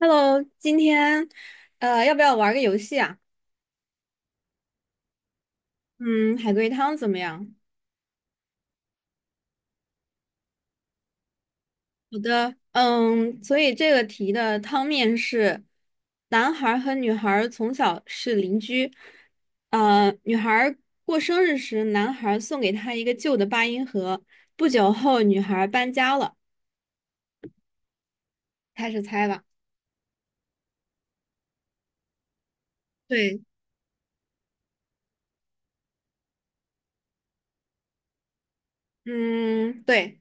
Hello，今天要不要玩个游戏啊？嗯，海龟汤怎么样？好的，嗯，所以这个题的汤面是，男孩儿和女孩儿从小是邻居，女孩儿过生日时，男孩儿送给她一个旧的八音盒，不久后女孩儿搬家了，开始猜吧。对。嗯，对。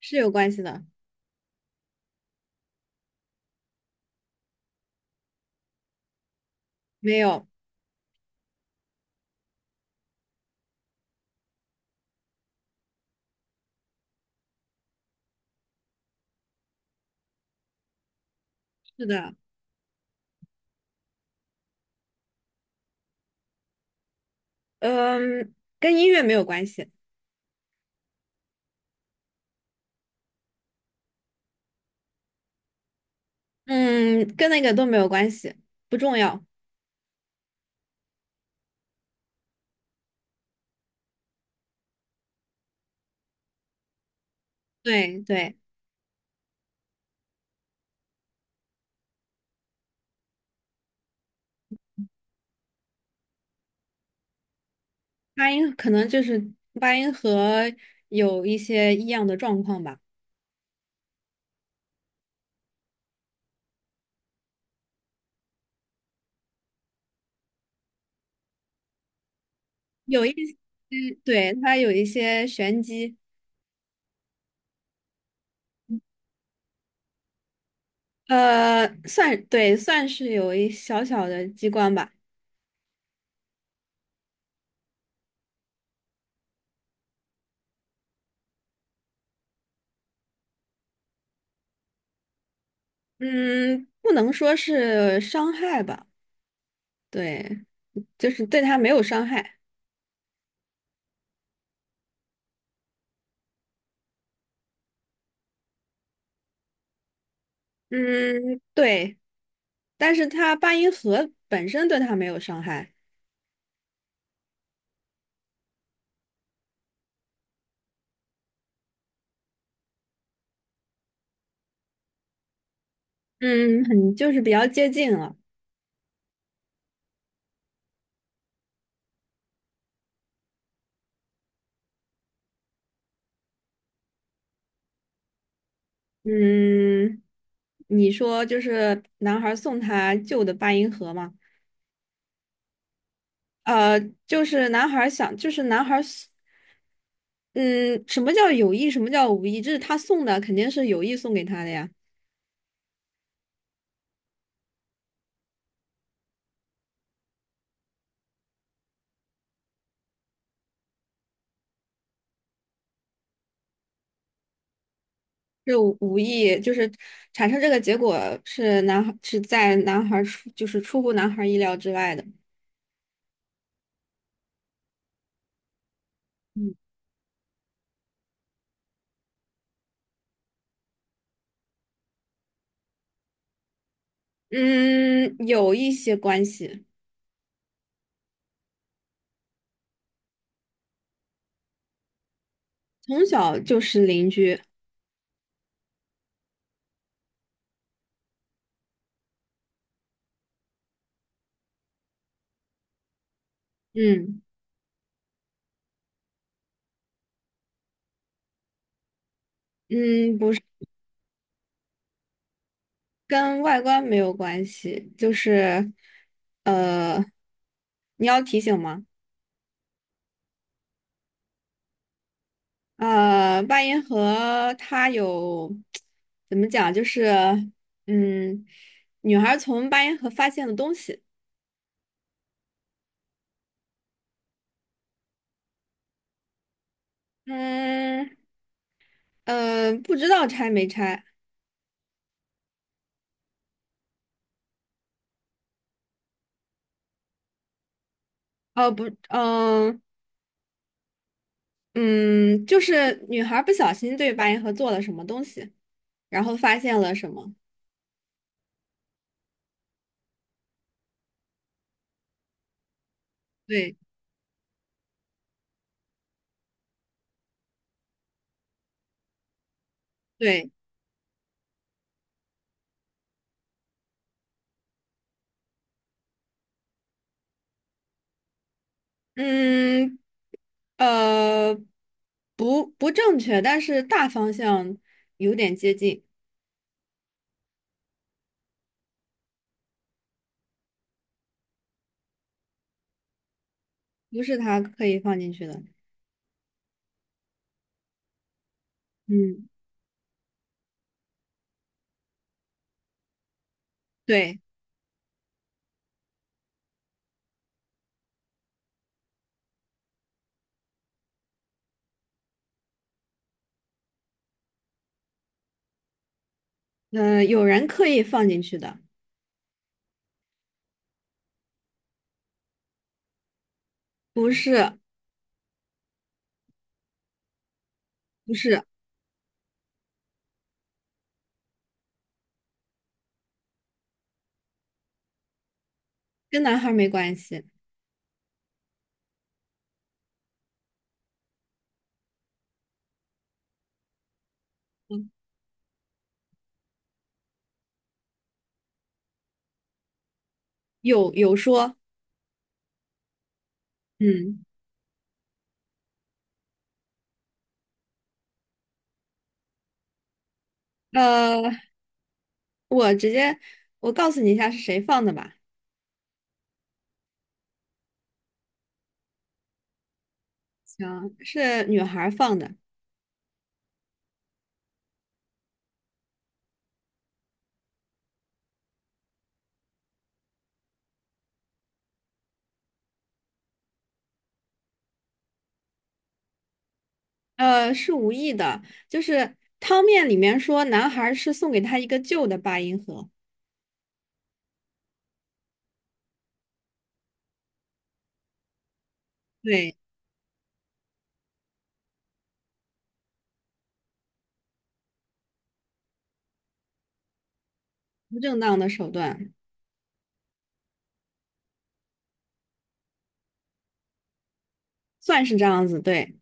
是有关系的。没有。是的。嗯，跟音乐没有关系。嗯，跟那个都没有关系，不重要。对对。八音可能就是八音盒有一些异样的状况吧。有一些。对，它有一些玄机。算，对，算是有一小小的机关吧。嗯，不能说是伤害吧，对，就是对它没有伤害。嗯，对，但是它八音盒本身对它没有伤害。嗯，很就是比较接近了。嗯，你说就是男孩儿送他旧的八音盒吗？呃，就是男孩儿想，就是男孩儿送嗯，什么叫有意，什么叫无意？这是他送的，肯定是有意送给他的呀。是无意，就是产生这个结果是男孩儿出，就是出乎男孩儿意料之外的。嗯，嗯有一些关系。从小就是邻居。嗯嗯，不是。跟外观没有关系，就是呃，你要提醒吗？呃，八音盒它有怎么讲？就是嗯，女孩从八音盒发现的东西。嗯不知道拆没拆。哦，不，嗯、嗯，就是女孩不小心对八音盒做了什么东西，然后发现了什么？对对。嗯。呃，不正确，但是大方向有点接近。不是他刻意放进去的。嗯，对。有人刻意放进去的。不是不是。跟男孩儿没关系。嗯有有说。嗯。呃，我直接我告诉你一下是谁放的吧。行，是女孩儿放的。是无意的，就是汤面里面说男孩儿是送给她一个旧的八音盒。对。不正当的手段。算是这样子，对。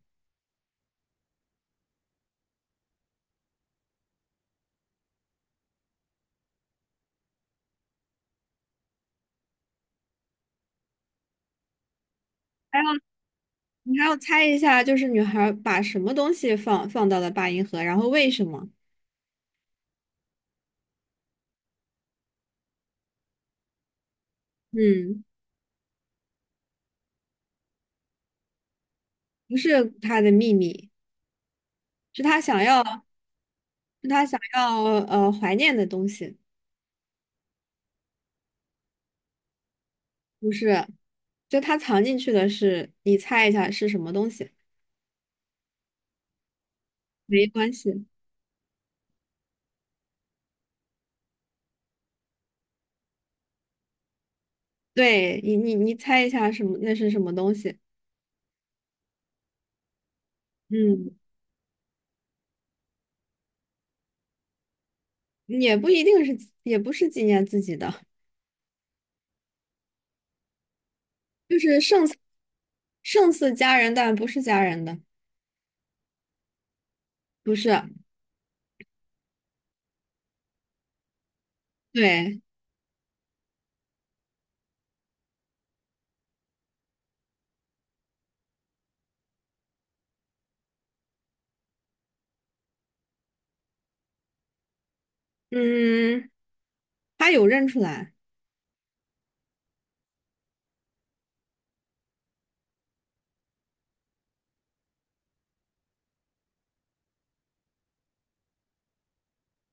还要你还要猜一下，就是女孩儿把什么东西放到了八音盒，然后为什么？嗯，不是她的秘密，是她想要，是她想要怀念的东西。不是，就她藏进去的是，你猜一下是什么东西？没关系。对你猜一下什么？那是什么东西？嗯，也不一定是，也不是纪念自己的。就是胜似家人，但不是家人的。不是。对。嗯，他有认出来。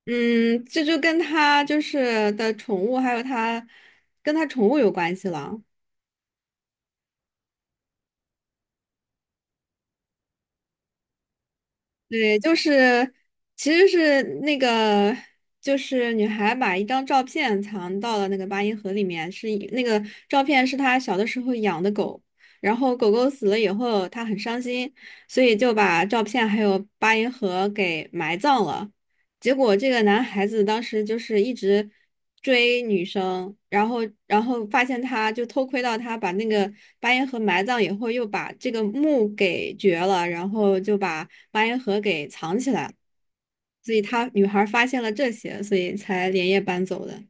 嗯，这就跟他就是的宠物，还有他跟他宠物有关系了。对，其实是女孩把一张照片藏到了那个八音盒里面，是一那个照片是她小的时候养的狗，然后狗狗死了以后，她很伤心，所以就把照片还有八音盒给埋葬了。结果这个男孩子当时就是一直追女生，然后发现他就偷窥到他把那个八音盒埋葬以后，又把这个墓给掘了，然后就把八音盒给藏起来，所以他女孩发现了这些，所以才连夜搬走的。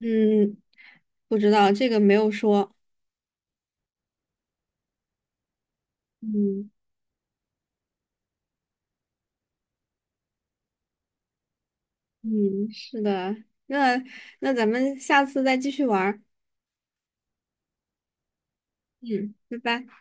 嗯，不知道这个没有说。嗯嗯，是的。那咱们下次再继续玩儿。嗯，拜拜。